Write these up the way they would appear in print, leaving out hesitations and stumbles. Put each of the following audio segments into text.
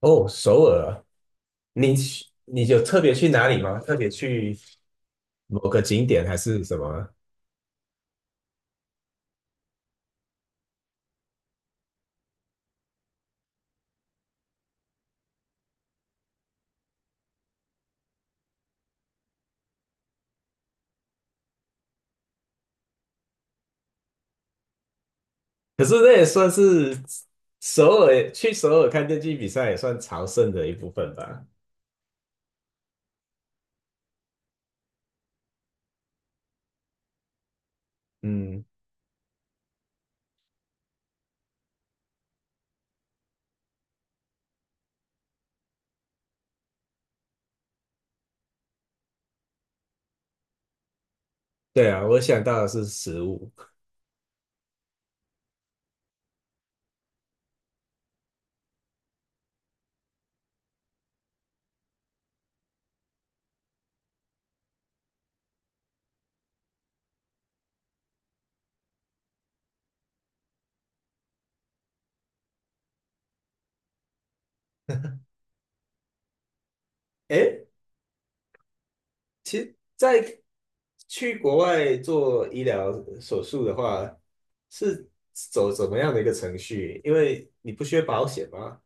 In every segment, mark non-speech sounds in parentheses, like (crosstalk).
哦，首尔啊，你有特别去哪里吗？特别去某个景点还是什么啊？可是那也算是首尔，去首尔看电竞比赛也算朝圣的一部分吧。嗯，对啊，我想到的是食物。(laughs) 诶，其实，在去国外做医疗手术的话，是走怎么样的一个程序？因为你不需要保险吗？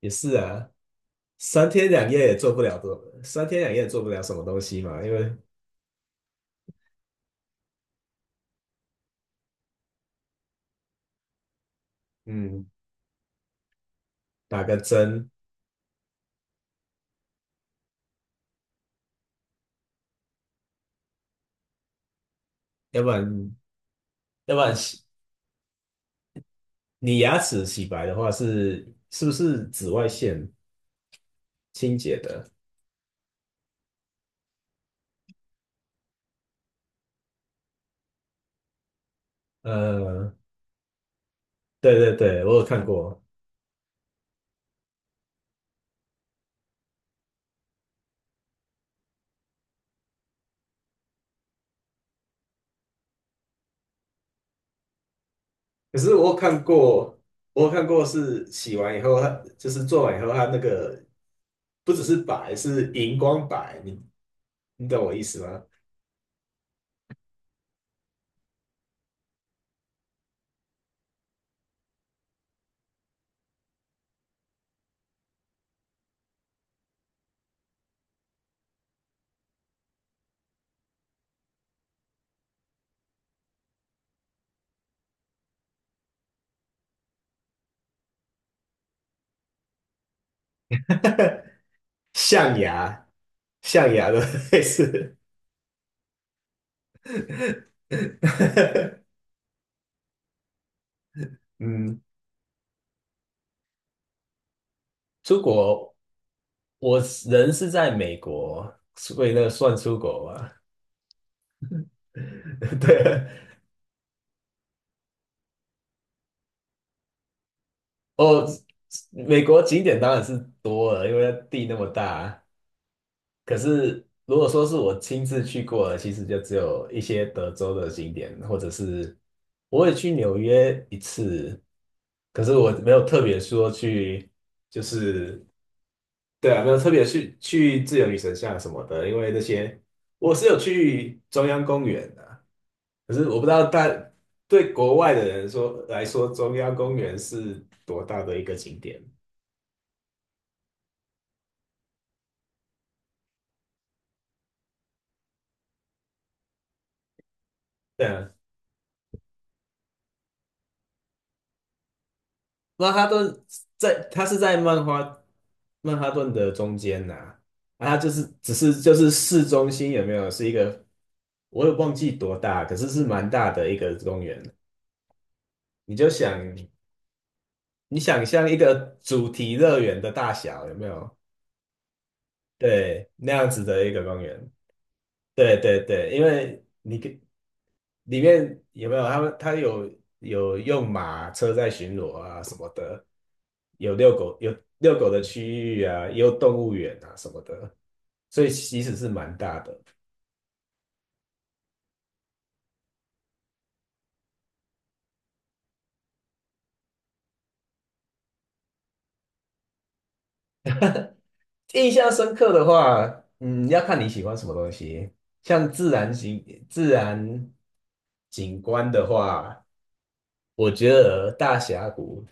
也是啊，三天两夜也做不了什么东西嘛，因为嗯，打个针，要不然要不然洗你牙齿洗白的话是不是紫外线清洁的？呃，对对对，我有看过，可是我有看过是洗完以后，它就是做完以后，它那个不只是白，是荧光白，你懂我意思吗？象牙，象牙的 (laughs) 类似。(laughs) 嗯，出国，我人是在美国，所以那个算出国吗？(laughs) 对啊，哦，美国景点当然是多了，因为地那么大。可是如果说是我亲自去过的，其实就只有一些德州的景点，或者是我也去纽约一次，可是我没有特别说去，就是对啊，没有特别去自由女神像什么的，因为那些我是有去中央公园的。可是我不知道大对国外的人说来说，中央公园是多大的一个景点？对啊，曼哈顿在它是在曼哈曼哈顿的中间呐、啊，它就是只是就是市中心有没有是一个，我也忘记多大，可是是蛮大的一个公园。你就想你想象一个主题乐园的大小有没有？对，那样子的一个公园。对对对，因为你里面有没有他们？他有有用马车在巡逻啊什么的，有遛狗的区域啊，也有动物园啊什么的，所以其实是蛮大的。印象深刻的话，嗯，要看你喜欢什么东西。像自然景观的话，我觉得大峡谷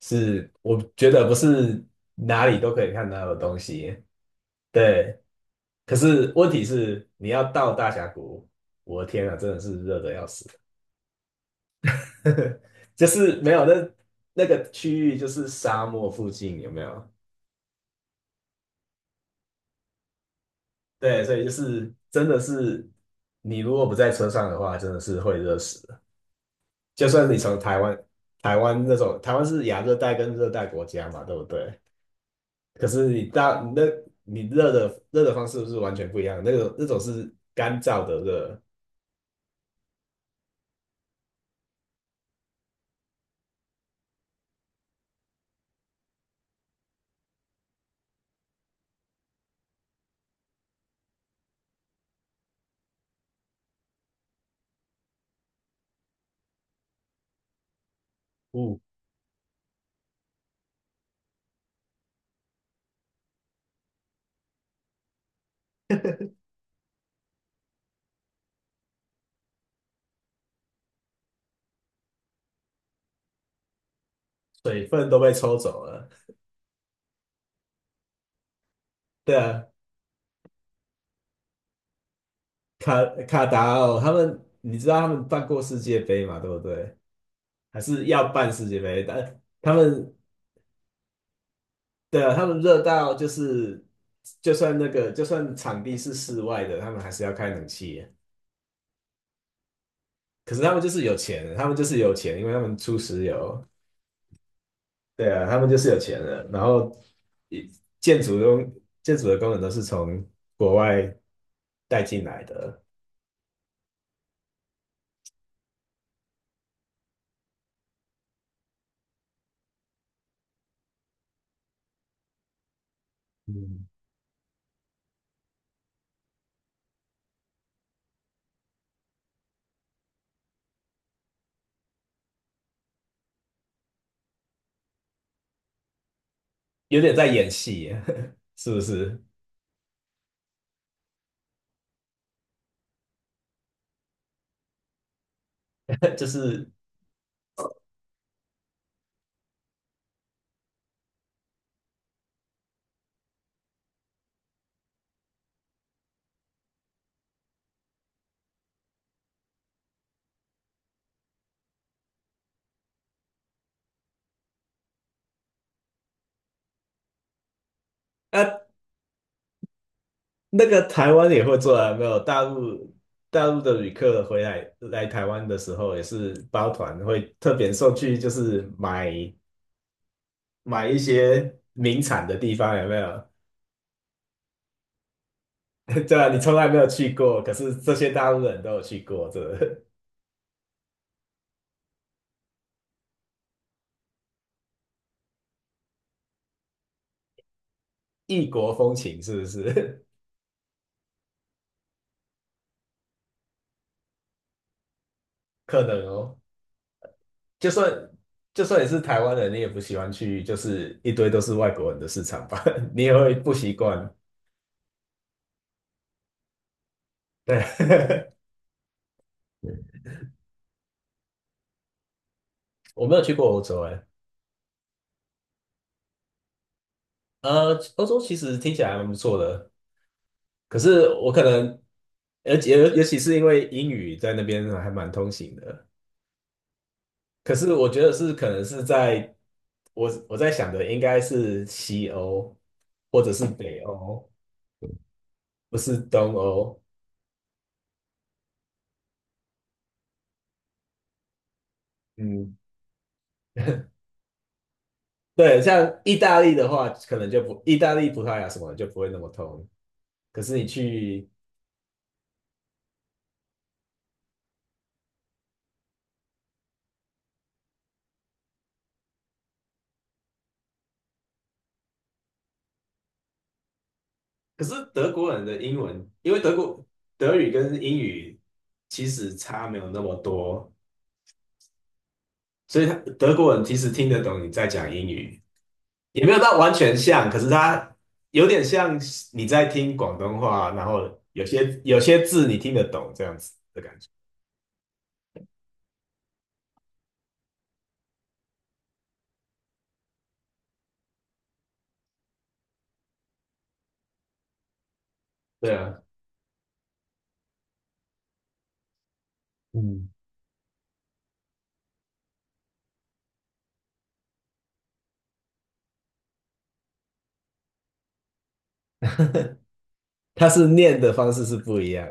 是，我觉得不是哪里都可以看到的东西。对，可是问题是你要到大峡谷，我的天啊，真的是热的要死。(laughs) 就是没有那，那个区域就是沙漠附近有没有？对，所以就是真的是你如果不在车上的话，真的是会热死的。就算你从台湾，台湾那种台湾是亚热带跟热带国家嘛，对不对？可是你大你那你热的方式是完全不一样，那种那种是干燥的热，哦，水分都被抽走了。对啊，卡达奥他们，你知道他们办过世界杯嘛？对不对啊？还是要办世界杯，但他们对啊，他们热到就是就算场地是室外的，他们还是要开冷气。可是他们就是有钱，他们就是有钱，因为他们出石油。对啊，他们就是有钱人，然后一建筑工建筑的工人都是从国外带进来的，嗯，有点在演戏 (laughs) 是不是？(laughs) 就是啊，那个台湾也会做啊，没有大陆大陆的旅客回来台湾的时候，也是包团会特别送去，就是买一些名产的地方，有没有？(laughs) 对啊，你从来没有去过，可是这些大陆人都有去过，这。异国风情是不是？(laughs) 可能哦，就算就算你是台湾人，你也不喜欢去，就是一堆都是外国人的市场吧，(laughs) 你也会不习惯。对，(laughs) 我没有去过欧洲哎，呃，欧洲其实听起来还蛮不错的，可是我可能，而且尤其是因为英语在那边还蛮通行的，可是我觉得是可能是在我在想的应该是西欧或者是北欧，不是东欧。嗯，对，像意大利的话，可能就不，意大利、葡萄牙什么的就不会那么通。可是你去，可是德国人的英文，因为德语跟英语其实差没有那么多，所以他德国人其实听得懂你在讲英语，也没有到完全像，可是他有点像你在听广东话，然后有些字你听得懂这样子的感觉。对啊，嗯，他念的方式是不一样，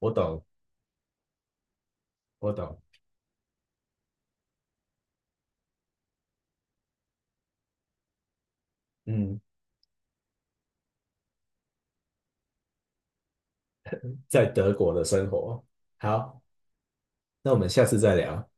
(laughs) 我懂，我懂，嗯。在德国的生活。好，那我们下次再聊。